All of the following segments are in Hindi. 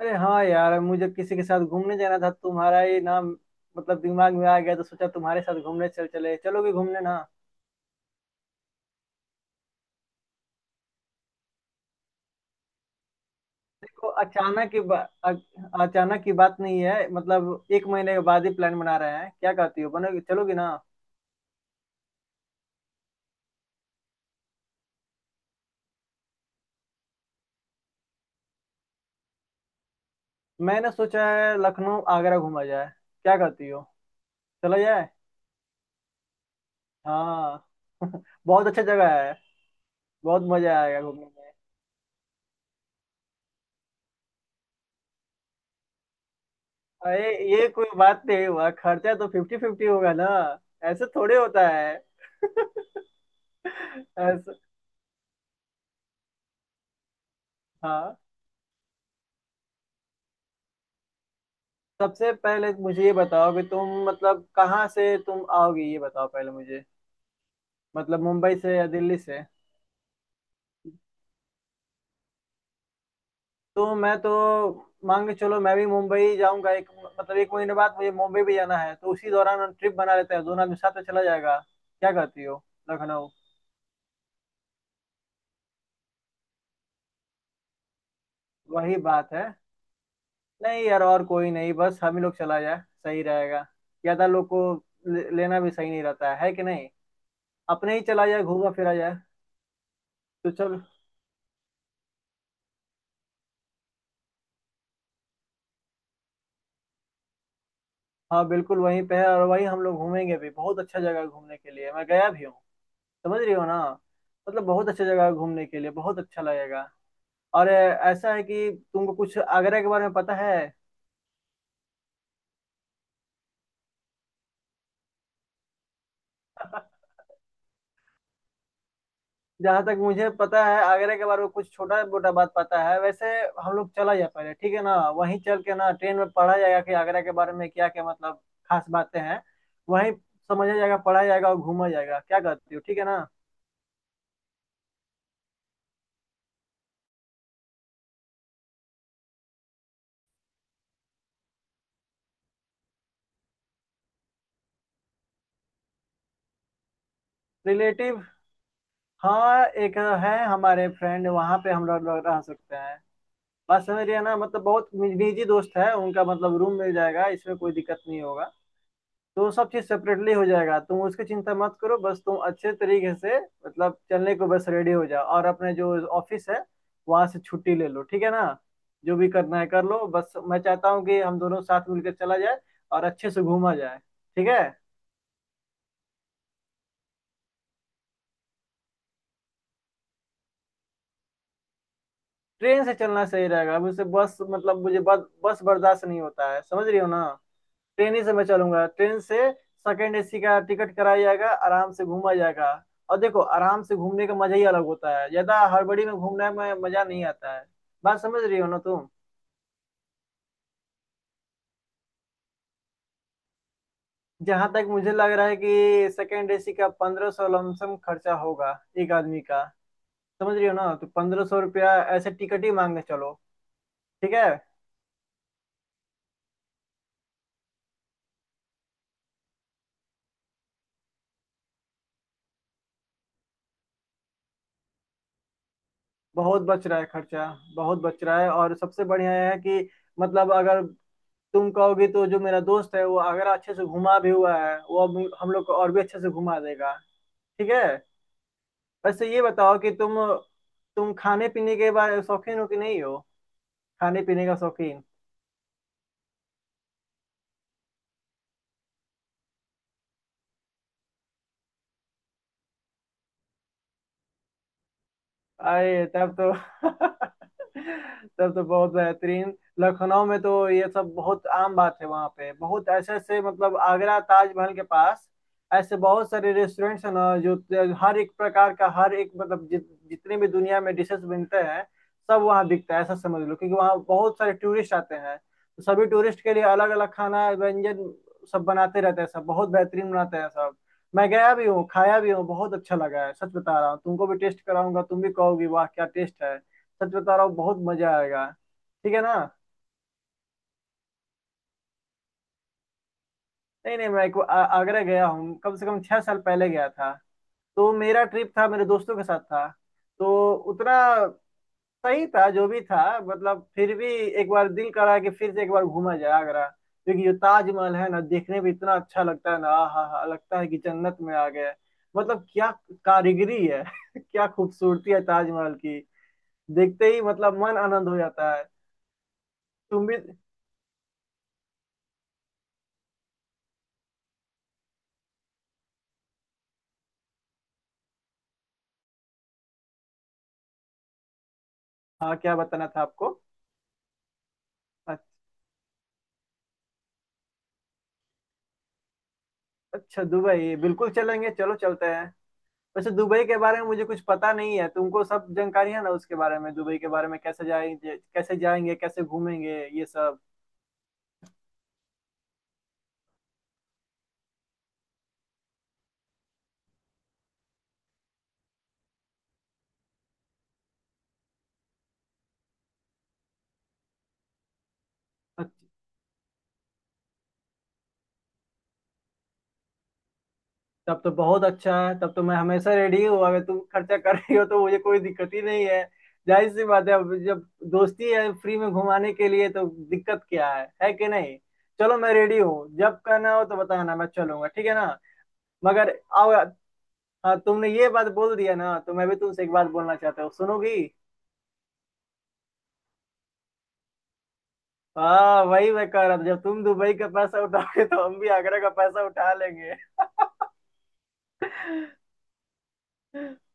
अरे हाँ यार, मुझे किसी के साथ घूमने जाना था। तुम्हारा ये नाम मतलब दिमाग में आ गया तो सोचा तुम्हारे साथ घूमने चल चले चलोगे घूमने ना। देखो अ- अचानक की बात नहीं है। मतलब एक महीने के बाद ही प्लान बना रहे हैं। क्या कहती हो, बनोगे, चलोगी ना? मैंने सोचा है लखनऊ आगरा घूमा जाए। क्या कहती हो, चला जाए? हाँ, बहुत अच्छा जगह है। बहुत मजा आएगा घूमने में। अरे, ये कोई बात नहीं हुआ, खर्चा तो फिफ्टी फिफ्टी होगा ना। ऐसे थोड़े होता है। ऐसा। हाँ, सबसे पहले मुझे ये बताओ कि तुम मतलब कहाँ से तुम आओगी, ये बताओ पहले मुझे। मतलब मुंबई से या दिल्ली से? तो मैं तो मान के चलो मैं भी मुंबई जाऊंगा। एक मतलब एक महीने बाद मुझे मुंबई भी जाना है तो उसी दौरान ट्रिप बना लेते हैं, दोनों आदमी साथ में चला जाएगा। क्या कहती हो? लखनऊ। वही बात है। नहीं यार, और कोई नहीं, बस हम ही लोग चला जाए। सही रहेगा। ज्यादा लोग को लेना भी सही नहीं रहता है कि नहीं। अपने ही चला जाए, घूमा फिरा जाए। तो चल। हाँ बिल्कुल वहीं पे है और वहीं हम लोग घूमेंगे भी। बहुत अच्छा जगह है घूमने के लिए, मैं गया भी हूँ। समझ रही हो ना? मतलब बहुत अच्छा जगह है घूमने के लिए, बहुत अच्छा लगेगा। और ऐसा है कि तुमको कुछ आगरा के बारे में पता है? जहां तक मुझे पता है आगरा के बारे में कुछ छोटा मोटा बात पता है वैसे। हम लोग चला जाए पहले, ठीक है ना? वहीं चल के ना ट्रेन में पढ़ा जाएगा कि आगरा के बारे में क्या क्या मतलब खास बातें हैं। वहीं समझा जाएगा, पढ़ा जाएगा और घूमा जाएगा। क्या करती हो, ठीक है ना? रिलेटिव? हाँ एक है हमारे फ्रेंड वहां पे, हम लोग लोग रह सकते हैं। बात समझ रही है ना? मतलब बहुत निजी दोस्त है उनका, मतलब रूम मिल जाएगा, इसमें कोई दिक्कत नहीं होगा। तो सब चीज सेपरेटली हो जाएगा, तुम उसकी चिंता मत करो, बस तुम अच्छे तरीके से मतलब चलने को बस रेडी हो जाओ और अपने जो ऑफिस है वहां से छुट्टी ले लो, ठीक है ना? जो भी करना है कर लो, बस मैं चाहता हूँ कि हम दोनों साथ मिलकर चला जाए और अच्छे से घूमा जाए। ठीक है। ट्रेन से चलना सही रहेगा, मुझसे बस मतलब मुझे बस बस बर्दाश्त नहीं होता है, समझ रही हो ना? ट्रेन ही से मैं चलूंगा, ट्रेन से। सेकंड एसी का टिकट कराया जाएगा, आराम से घूमा जाएगा। और देखो आराम से घूमने का मजा ही अलग होता है, ज्यादा हड़बड़ी में घूमने में मजा नहीं आता है। बात समझ रही हो ना तुम? जहां तक मुझे लग रहा है कि सेकंड एसी का 1500 लमसम खर्चा होगा एक आदमी का। समझ रही हो ना, तो 1500 रुपया ऐसे टिकट ही मांगने चलो। ठीक है। बहुत बच रहा है खर्चा, बहुत बच रहा है। और सबसे बढ़िया है कि मतलब अगर तुम कहोगे तो जो मेरा दोस्त है वो आगरा अच्छे से घुमा भी हुआ है, वो अब हम लोग को और भी अच्छे से घुमा देगा। ठीक है। वैसे ये बताओ कि तुम खाने पीने के बारे में शौकीन हो कि नहीं हो? खाने पीने का शौकीन? अरे तब तो तब तो बहुत बेहतरीन। लखनऊ में तो ये सब बहुत आम बात है, वहाँ पे बहुत ऐसे ऐसे मतलब आगरा ताजमहल के पास ऐसे बहुत सारे रेस्टोरेंट्स हैं ना जो हर एक प्रकार का, हर एक मतलब जितने भी दुनिया में डिशेस बनते हैं सब वहाँ बिकता है, ऐसा समझ लो, क्योंकि वहाँ बहुत सारे टूरिस्ट आते हैं तो सभी टूरिस्ट के लिए अलग अलग खाना व्यंजन सब बनाते रहते हैं, सब बहुत बेहतरीन बनाते हैं सब। मैं गया भी हूँ, खाया भी हूँ, बहुत अच्छा लगा है, सच बता रहा हूँ। तुमको भी टेस्ट कराऊंगा, तुम भी कहोगी वाह क्या टेस्ट है, सच बता रहा हूँ, बहुत मजा आएगा, ठीक है ना? नहीं नहीं, मैं एक बार आगरा गया हूँ, कम से कम 6 साल पहले गया था। तो मेरा ट्रिप था मेरे दोस्तों के साथ था, तो उतना सही था जो भी था, मतलब फिर भी एक बार दिल करा कि फिर से एक बार घूमा जाए आगरा क्योंकि जो ताजमहल है ना देखने में इतना अच्छा लगता है ना, हा हा लगता है कि जन्नत में आ गए। मतलब क्या कारीगरी है क्या खूबसूरती है ताजमहल की। देखते ही मतलब मन आनंद हो जाता है। तुम भी। हाँ क्या बताना था आपको? अ- अच्छा दुबई बिल्कुल चलेंगे, चलो चलते हैं। वैसे दुबई के बारे में मुझे कुछ पता नहीं है, तुमको सब जानकारी है ना उसके बारे में, दुबई के बारे में? कैसे जाएंगे, कैसे जाएंगे, कैसे घूमेंगे, ये सब? तब तो बहुत अच्छा है, तब तो मैं हमेशा रेडी हूँ। अगर तुम खर्चा कर रही हो तो मुझे कोई दिक्कत ही नहीं है। जाहिर सी बात है, अब जब दोस्ती है फ्री में घुमाने के लिए तो दिक्कत क्या है कि नहीं? चलो मैं रेडी हूँ, जब करना हो तो बताना, मैं चलूंगा, ठीक है ना? मगर आओ। हाँ तुमने ये बात बोल दिया ना, तो मैं भी तुमसे एक बात बोलना चाहता हूँ, सुनोगी? हाँ वही मैं कह रहा था जब तुम दुबई का पैसा उठाओगे तो हम भी आगरा का पैसा उठा लेंगे।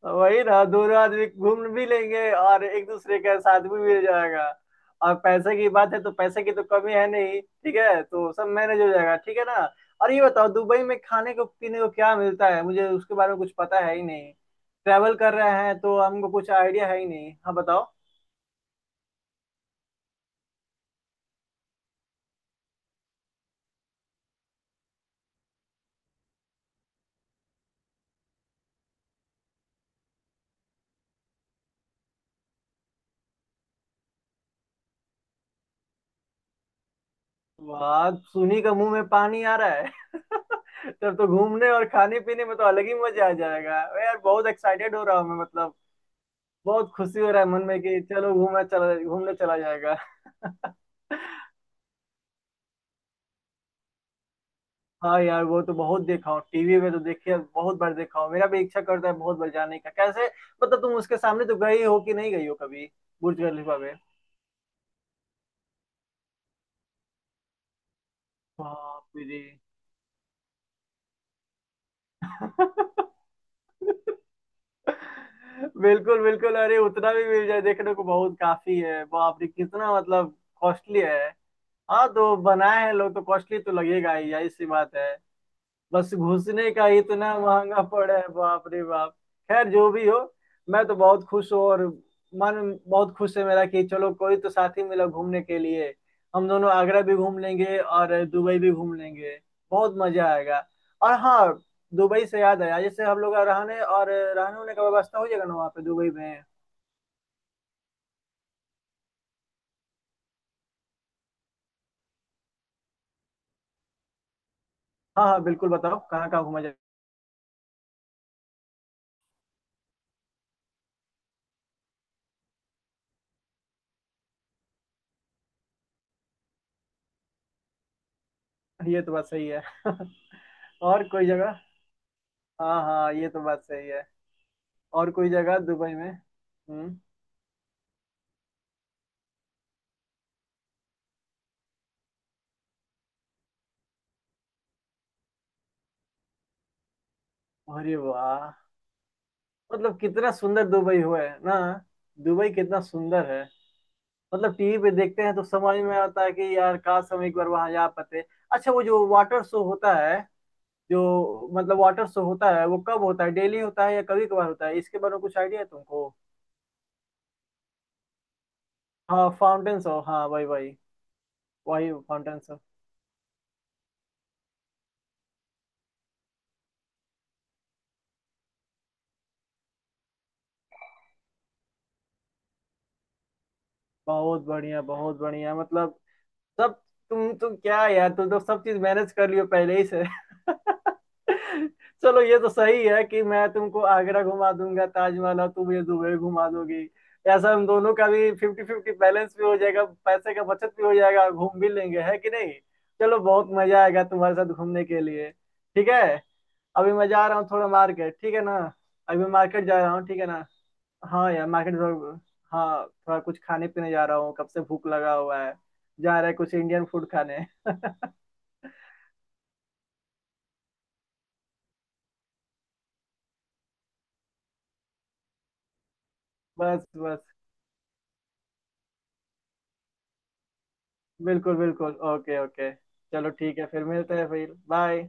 वही ना, दोनों आदमी घूम भी लेंगे और एक दूसरे का साथ भी मिल जाएगा। और पैसे की बात है तो पैसे की तो कमी है नहीं, ठीक है, तो सब मैनेज हो जाएगा, ठीक है ना? और ये बताओ दुबई में खाने को पीने को क्या मिलता है, मुझे उसके बारे में कुछ पता है ही नहीं। ट्रैवल कर रहे हैं तो हमको कुछ आइडिया है ही नहीं, हाँ बताओ। वाह, सुनी का मुंह में पानी आ रहा है। तब तो घूमने और खाने पीने में तो अलग ही मजा आ जाएगा। अरे यार बहुत एक्साइटेड हो रहा हूँ मैं, मतलब बहुत खुशी हो रहा है मन में कि चलो घूमना चला घूमने चला जाएगा। हाँ यार, वो तो बहुत देखा हूँ टीवी में, तो देखिए बहुत बार देखा हूँ, मेरा भी इच्छा करता है बहुत बार जाने का। कैसे मतलब तुम उसके सामने तो गई हो कि नहीं गई हो कभी बुर्ज खलीफा में? बाप रे। बिल्कुल बिल्कुल, अरे उतना भी मिल जाए देखने को बहुत काफी है। बाप रे, कितना मतलब कॉस्टली है। हाँ तो बनाए हैं लोग तो कॉस्टली तो लगेगा ही, यही सी बात है। बस घुसने का इतना महंगा पड़ा है, बाप रे बाप। खैर जो भी हो, मैं तो बहुत खुश हूँ और मन बहुत खुश है मेरा कि चलो कोई तो साथी मिला घूमने के लिए, हम दोनों आगरा भी घूम लेंगे और दुबई भी घूम लेंगे, बहुत मजा आएगा। और हाँ, दुबई से याद आया, जैसे हम लोग का रहने और रहने होने का व्यवस्था हो जाएगा ना वहाँ पे दुबई में? हाँ हाँ बिल्कुल, बताओ कहाँ कहाँ घूमा जाए। ये तो बात सही है। और कोई जगह? हाँ हाँ, ये तो बात सही है। और कोई जगह दुबई में? हम्म। अरे वाह, मतलब कितना सुंदर दुबई हुआ है ना, दुबई कितना सुंदर है। मतलब टीवी पे देखते हैं तो समझ में आता है कि यार काश हम एक बार वहां जा पाते। अच्छा वो जो वाटर शो होता है, जो मतलब वाटर शो होता है वो कब होता है, डेली होता है या कभी कभार होता है, इसके बारे में कुछ आइडिया है तुमको? हाँ फाउंटेन शो, हाँ भाई भाई। वही फाउंटेन शो। बहुत बढ़िया, बहुत बढ़िया, मतलब सब। तुम तो क्या यार, तुम तो सब चीज मैनेज कर लियो पहले ही से। चलो ये तो सही है कि मैं तुमको आगरा घुमा दूंगा ताजमहल और तुम मुझे दुबई घुमा दोगी। ऐसा हम दोनों का भी फिफ्टी फिफ्टी बैलेंस भी हो जाएगा, पैसे का बचत भी हो जाएगा, घूम भी लेंगे, है कि नहीं? चलो बहुत मजा आएगा तुम्हारे साथ घूमने के लिए। ठीक है। अभी मैं जा रहा हूँ थोड़ा मार्केट, ठीक है ना? अभी मार्केट जा रहा हूँ, ठीक है ना? हाँ यार मार्केट जरूर। हाँ थोड़ा कुछ खाने पीने जा रहा हूँ, कब से भूख लगा हुआ है, जा रहा है कुछ इंडियन फूड खाने। बस बस, बिल्कुल बिल्कुल, ओके ओके। चलो ठीक है, फिर मिलते हैं, फिर बाय।